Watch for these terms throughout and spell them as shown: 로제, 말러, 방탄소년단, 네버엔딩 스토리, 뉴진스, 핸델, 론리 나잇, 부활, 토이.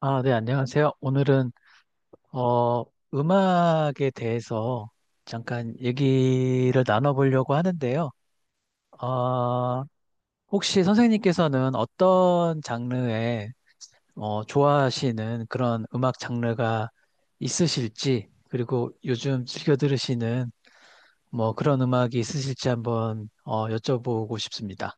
아, 네, 안녕하세요. 오늘은, 어, 음악에 대해서 잠깐 얘기를 나눠보려고 하는데요. 어, 혹시 선생님께서는 어떤 장르에, 좋아하시는 그런 음악 장르가 있으실지, 그리고 요즘 즐겨 들으시는 뭐 그런 음악이 있으실지 한번, 여쭤보고 싶습니다.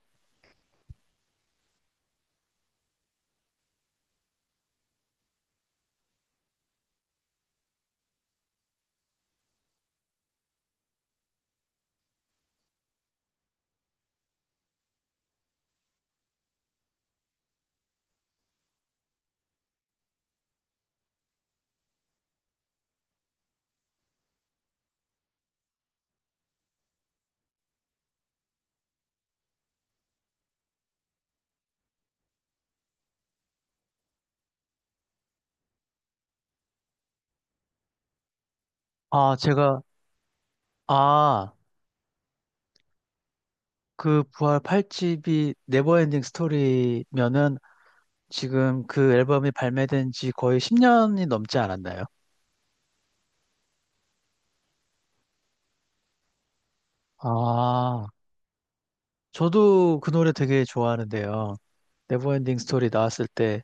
아, 제가, 아, 그 부활 8집이 네버엔딩 스토리면은 지금 그 앨범이 발매된 지 거의 10년이 넘지 않았나요? 아, 저도 그 노래 되게 좋아하는데요. 네버엔딩 스토리 나왔을 때,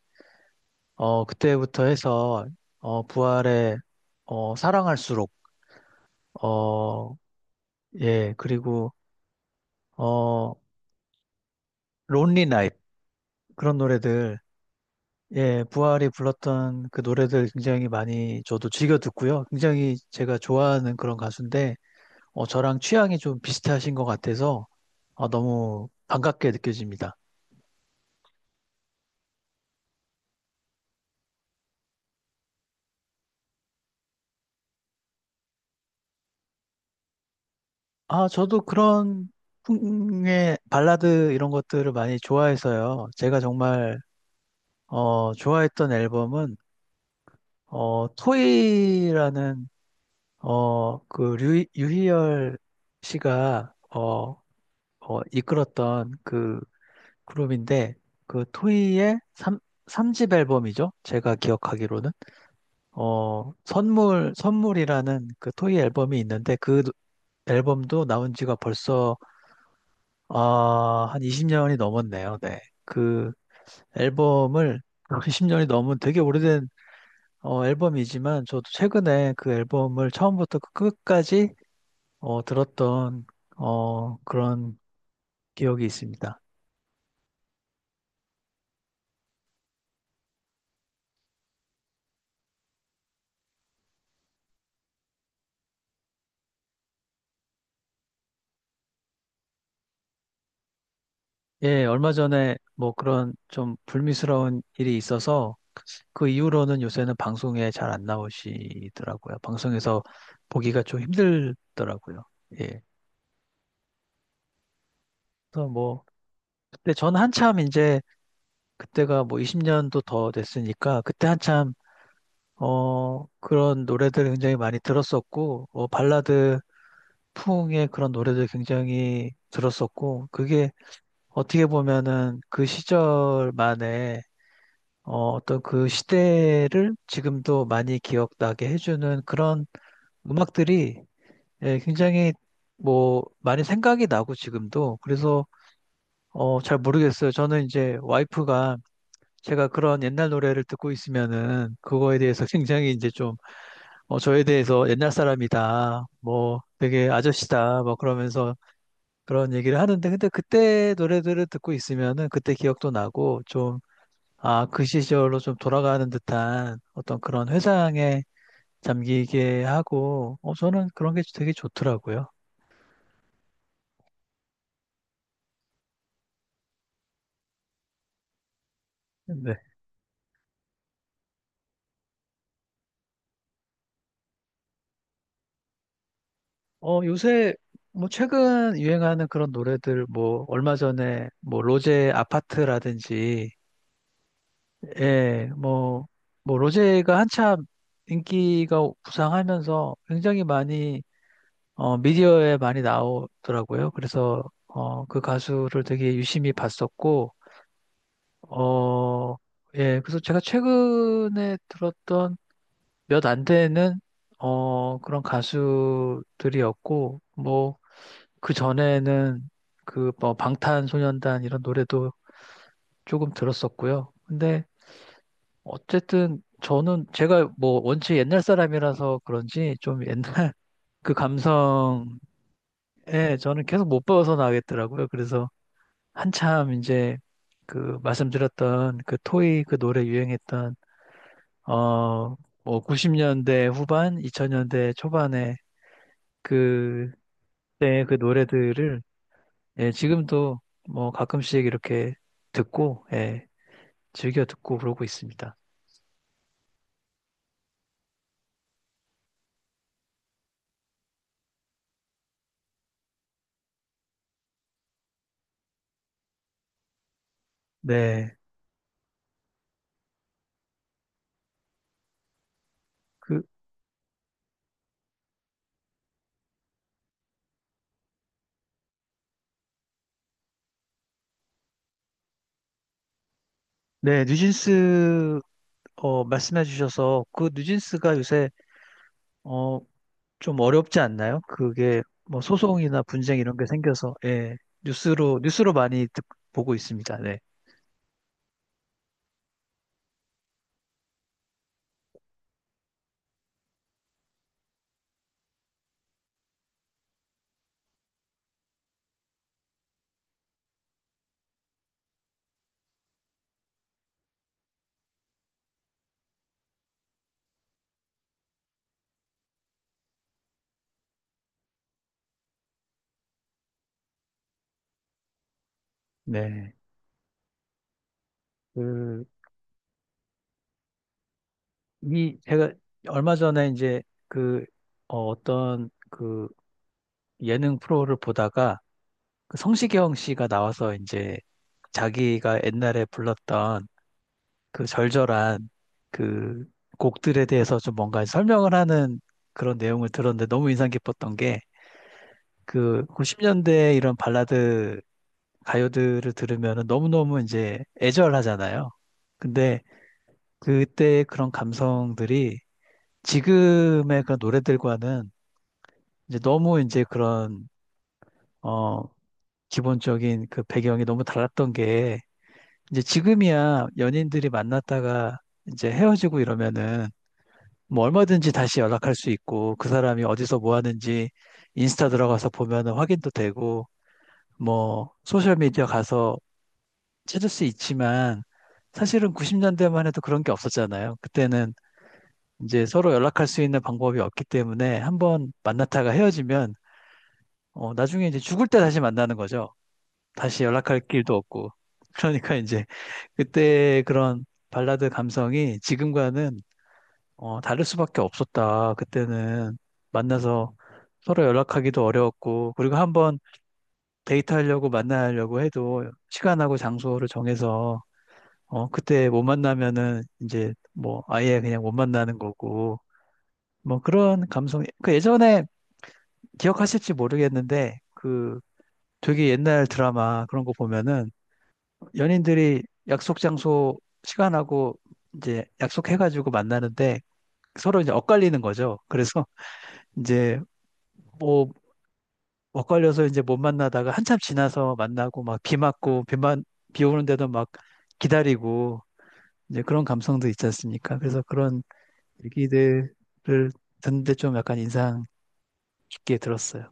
그때부터 해서, 부활의, 사랑할수록, 어, 예, 그리고, 어, 론리 나잇, 그런 노래들, 예, 부활이 불렀던 그 노래들 굉장히 많이 저도 즐겨 듣고요. 굉장히 제가 좋아하는 그런 가수인데, 저랑 취향이 좀 비슷하신 것 같아서, 아, 너무 반갑게 느껴집니다. 아, 저도 그런 풍의 발라드 이런 것들을 많이 좋아해서요. 제가 정말 좋아했던 앨범은 토이라는 유희열 씨가 이끌었던 그 그룹인데 그 토이의 삼삼집 앨범이죠. 제가 기억하기로는 선물이라는 그 토이 앨범이 있는데 그 앨범도 나온 지가 벌써 아, 한 20년이 넘었네요. 네. 그 앨범을 20년이 넘은 되게 오래된 앨범이지만 저도 최근에 그 앨범을 처음부터 그 끝까지 들었던 그런 기억이 있습니다. 예, 얼마 전에 뭐 그런 좀 불미스러운 일이 있어서 그 이후로는 요새는 방송에 잘 안 나오시더라고요. 방송에서 보기가 좀 힘들더라고요. 예. 그래서 뭐 그때 전 한참 이제 그때가 뭐 20년도 더 됐으니까 그때 한참 그런 노래들 굉장히 많이 들었었고 발라드 풍의 그런 노래들 굉장히 들었었고 그게 어떻게 보면은 그 시절만의 어떤 그 시대를 지금도 많이 기억나게 해주는 그런 음악들이 예, 굉장히 뭐 많이 생각이 나고 지금도 그래서 잘 모르겠어요. 저는 이제 와이프가 제가 그런 옛날 노래를 듣고 있으면은 그거에 대해서 굉장히 이제 좀 저에 대해서 옛날 사람이다, 뭐 되게 아저씨다, 뭐 그러면서 그런 얘기를 하는데 근데 그때 노래들을 듣고 있으면은 그때 기억도 나고 좀 아, 그 시절로 좀 돌아가는 듯한 어떤 그런 회상에 잠기게 하고 저는 그런 게 되게 좋더라고요. 네. 요새 뭐 최근 유행하는 그런 노래들 뭐 얼마 전에 뭐 로제 아파트라든지 예, 뭐, 뭐, 로제가 한참 인기가 부상하면서 굉장히 많이, 미디어에 많이 나오더라고요. 그래서, 그 가수를 되게 유심히 봤었고, 어, 예, 그래서 제가 최근에 들었던 몇 안 되는, 그런 가수들이었고, 뭐, 그 전에는 그, 뭐, 방탄소년단 이런 노래도 조금 들었었고요. 근데 어쨌든 저는 제가 뭐 원체 옛날 사람이라서 그런지 좀 옛날 그 감성에 저는 계속 못 벗어나겠더라고요. 그래서 한참 이제 그 말씀드렸던 그 토이 그 노래 유행했던 어 뭐 90년대 후반, 2000년대 초반에 그때 그 노래들을 예, 지금도 뭐 가끔씩 이렇게 듣고 예, 즐겨 듣고 그러고 있습니다. 네. 그 네, 뉴진스 말씀해 주셔서 그 누진스가 요새 어, 좀 어렵지 않나요? 그게 뭐 소송이나 분쟁 이런 게 생겨서 예, 뉴스로 많이 보고 있습니다. 네. 네. 그, 제가 얼마 전에 이제 그, 어떤 그 예능 프로를 보다가 그 성시경 씨가 나와서 이제 자기가 옛날에 불렀던 그 절절한 그 곡들에 대해서 좀 뭔가 설명을 하는 그런 내용을 들었는데 너무 인상 깊었던 게 그 90년대 이런 발라드 가요들을 들으면 너무너무 이제 애절하잖아요. 근데 그때 그런 감성들이 지금의 그 노래들과는 이제 너무 이제 그런 어 기본적인 그 배경이 너무 달랐던 게 이제 지금이야 연인들이 만났다가 이제 헤어지고 이러면은 뭐 얼마든지 다시 연락할 수 있고 그 사람이 어디서 뭐 하는지 인스타 들어가서 보면은 확인도 되고 뭐 소셜미디어 가서 찾을 수 있지만 사실은 90년대만 해도 그런 게 없었잖아요. 그때는 이제 서로 연락할 수 있는 방법이 없기 때문에 한번 만났다가 헤어지면 나중에 이제 죽을 때 다시 만나는 거죠. 다시 연락할 길도 없고. 그러니까 이제 그때 그런 발라드 감성이 지금과는 다를 수밖에 없었다. 그때는 만나서 서로 연락하기도 어려웠고, 그리고 한번 데이트하려고 만나려고 해도 시간하고 장소를 정해서 그때 못 만나면은 이제 뭐 아예 그냥 못 만나는 거고, 뭐 그런 감성이 그 예전에 기억하실지 모르겠는데 그 되게 옛날 드라마 그런 거 보면은 연인들이 약속 장소 시간하고 이제 약속해가지고 만나는데 서로 이제 엇갈리는 거죠. 그래서 이제 뭐 엇갈려서 이제 못 만나다가 한참 지나서 만나고 막 비 맞고 비만 비 오는데도 막 기다리고 이제 그런 감성도 있지 않습니까? 그래서 그런 얘기들을 듣는데 좀 약간 인상 깊게 들었어요.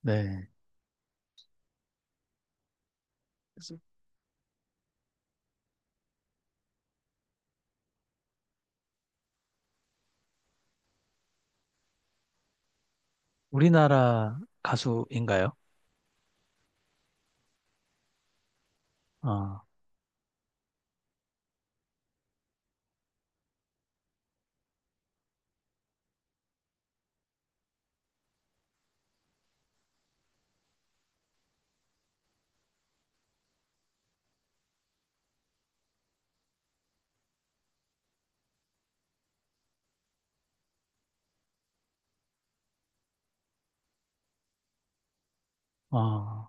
네. 그래서 우리나라 가수인가요? 아, 아.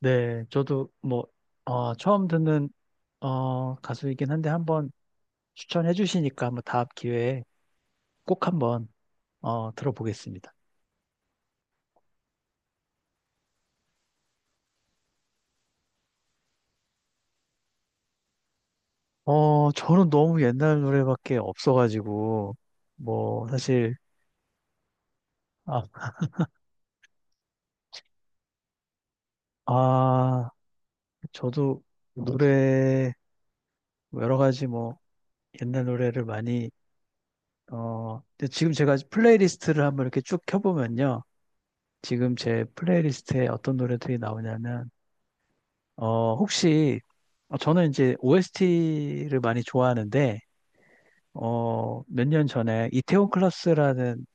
네, 저도 뭐, 처음 듣는, 가수이긴 한데 한번 추천해 주시니까 한번 다음 기회에 꼭 한번, 들어보겠습니다. 저는 너무 옛날 노래밖에 없어가지고, 뭐, 사실, 아, 아, 저도 노래, 뭐 여러 가지 뭐, 옛날 노래를 많이, 근데 지금 제가 플레이리스트를 한번 이렇게 쭉 켜보면요. 지금 제 플레이리스트에 어떤 노래들이 나오냐면, 어, 혹시 저는 이제 OST를 많이 좋아하는데, 몇 년 전에 이태원 클라스라는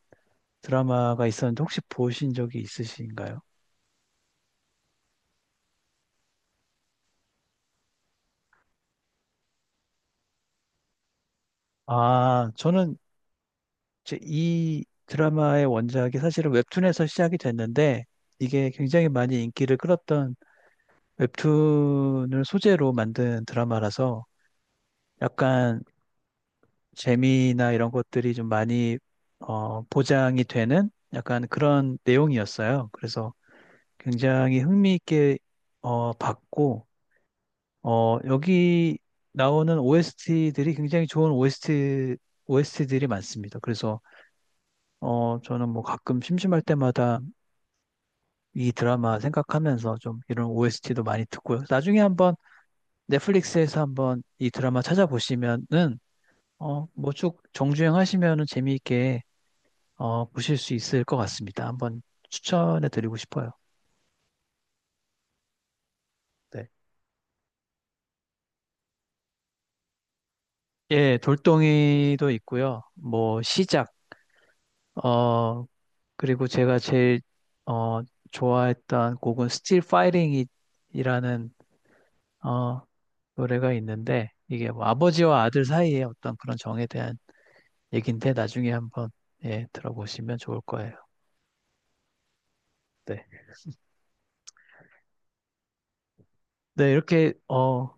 드라마가 있었는데 혹시 보신 적이 있으신가요? 아, 저는 이제 이 드라마의 원작이 사실은 웹툰에서 시작이 됐는데, 이게 굉장히 많이 인기를 끌었던 웹툰을 소재로 만든 드라마라서 약간 재미나 이런 것들이 좀 많이 보장이 되는 약간 그런 내용이었어요. 그래서 굉장히 흥미있게 봤고 여기 나오는 OST들이 굉장히 좋은 OST들이 많습니다. 그래서 저는 뭐 가끔 심심할 때마다 이 드라마 생각하면서 좀 이런 OST도 많이 듣고요. 나중에 한번 넷플릭스에서 한번 이 드라마 찾아보시면은 뭐 쭉 정주행 하시면은 재미있게 보실 수 있을 것 같습니다. 한번 추천해 드리고 싶어요. 네. 예, 돌덩이도 있고요. 뭐 시작 어, 그리고 제가 제일 어, 좋아했던 곡은 Still Fighting이라는 어, 노래가 있는데 이게 뭐 아버지와 아들 사이의 어떤 그런 정에 대한 얘긴데 나중에 한번 예, 들어보시면 좋을 거예요. 네. 네, 이렇게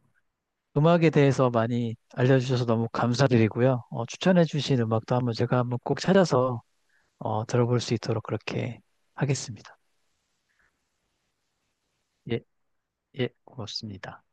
음악에 대해서 많이 알려주셔서 너무 감사드리고요. 추천해주신 음악도 한번 제가 한번 꼭 찾아서 들어볼 수 있도록 그렇게 하겠습니다. 예, 예, 고맙습니다.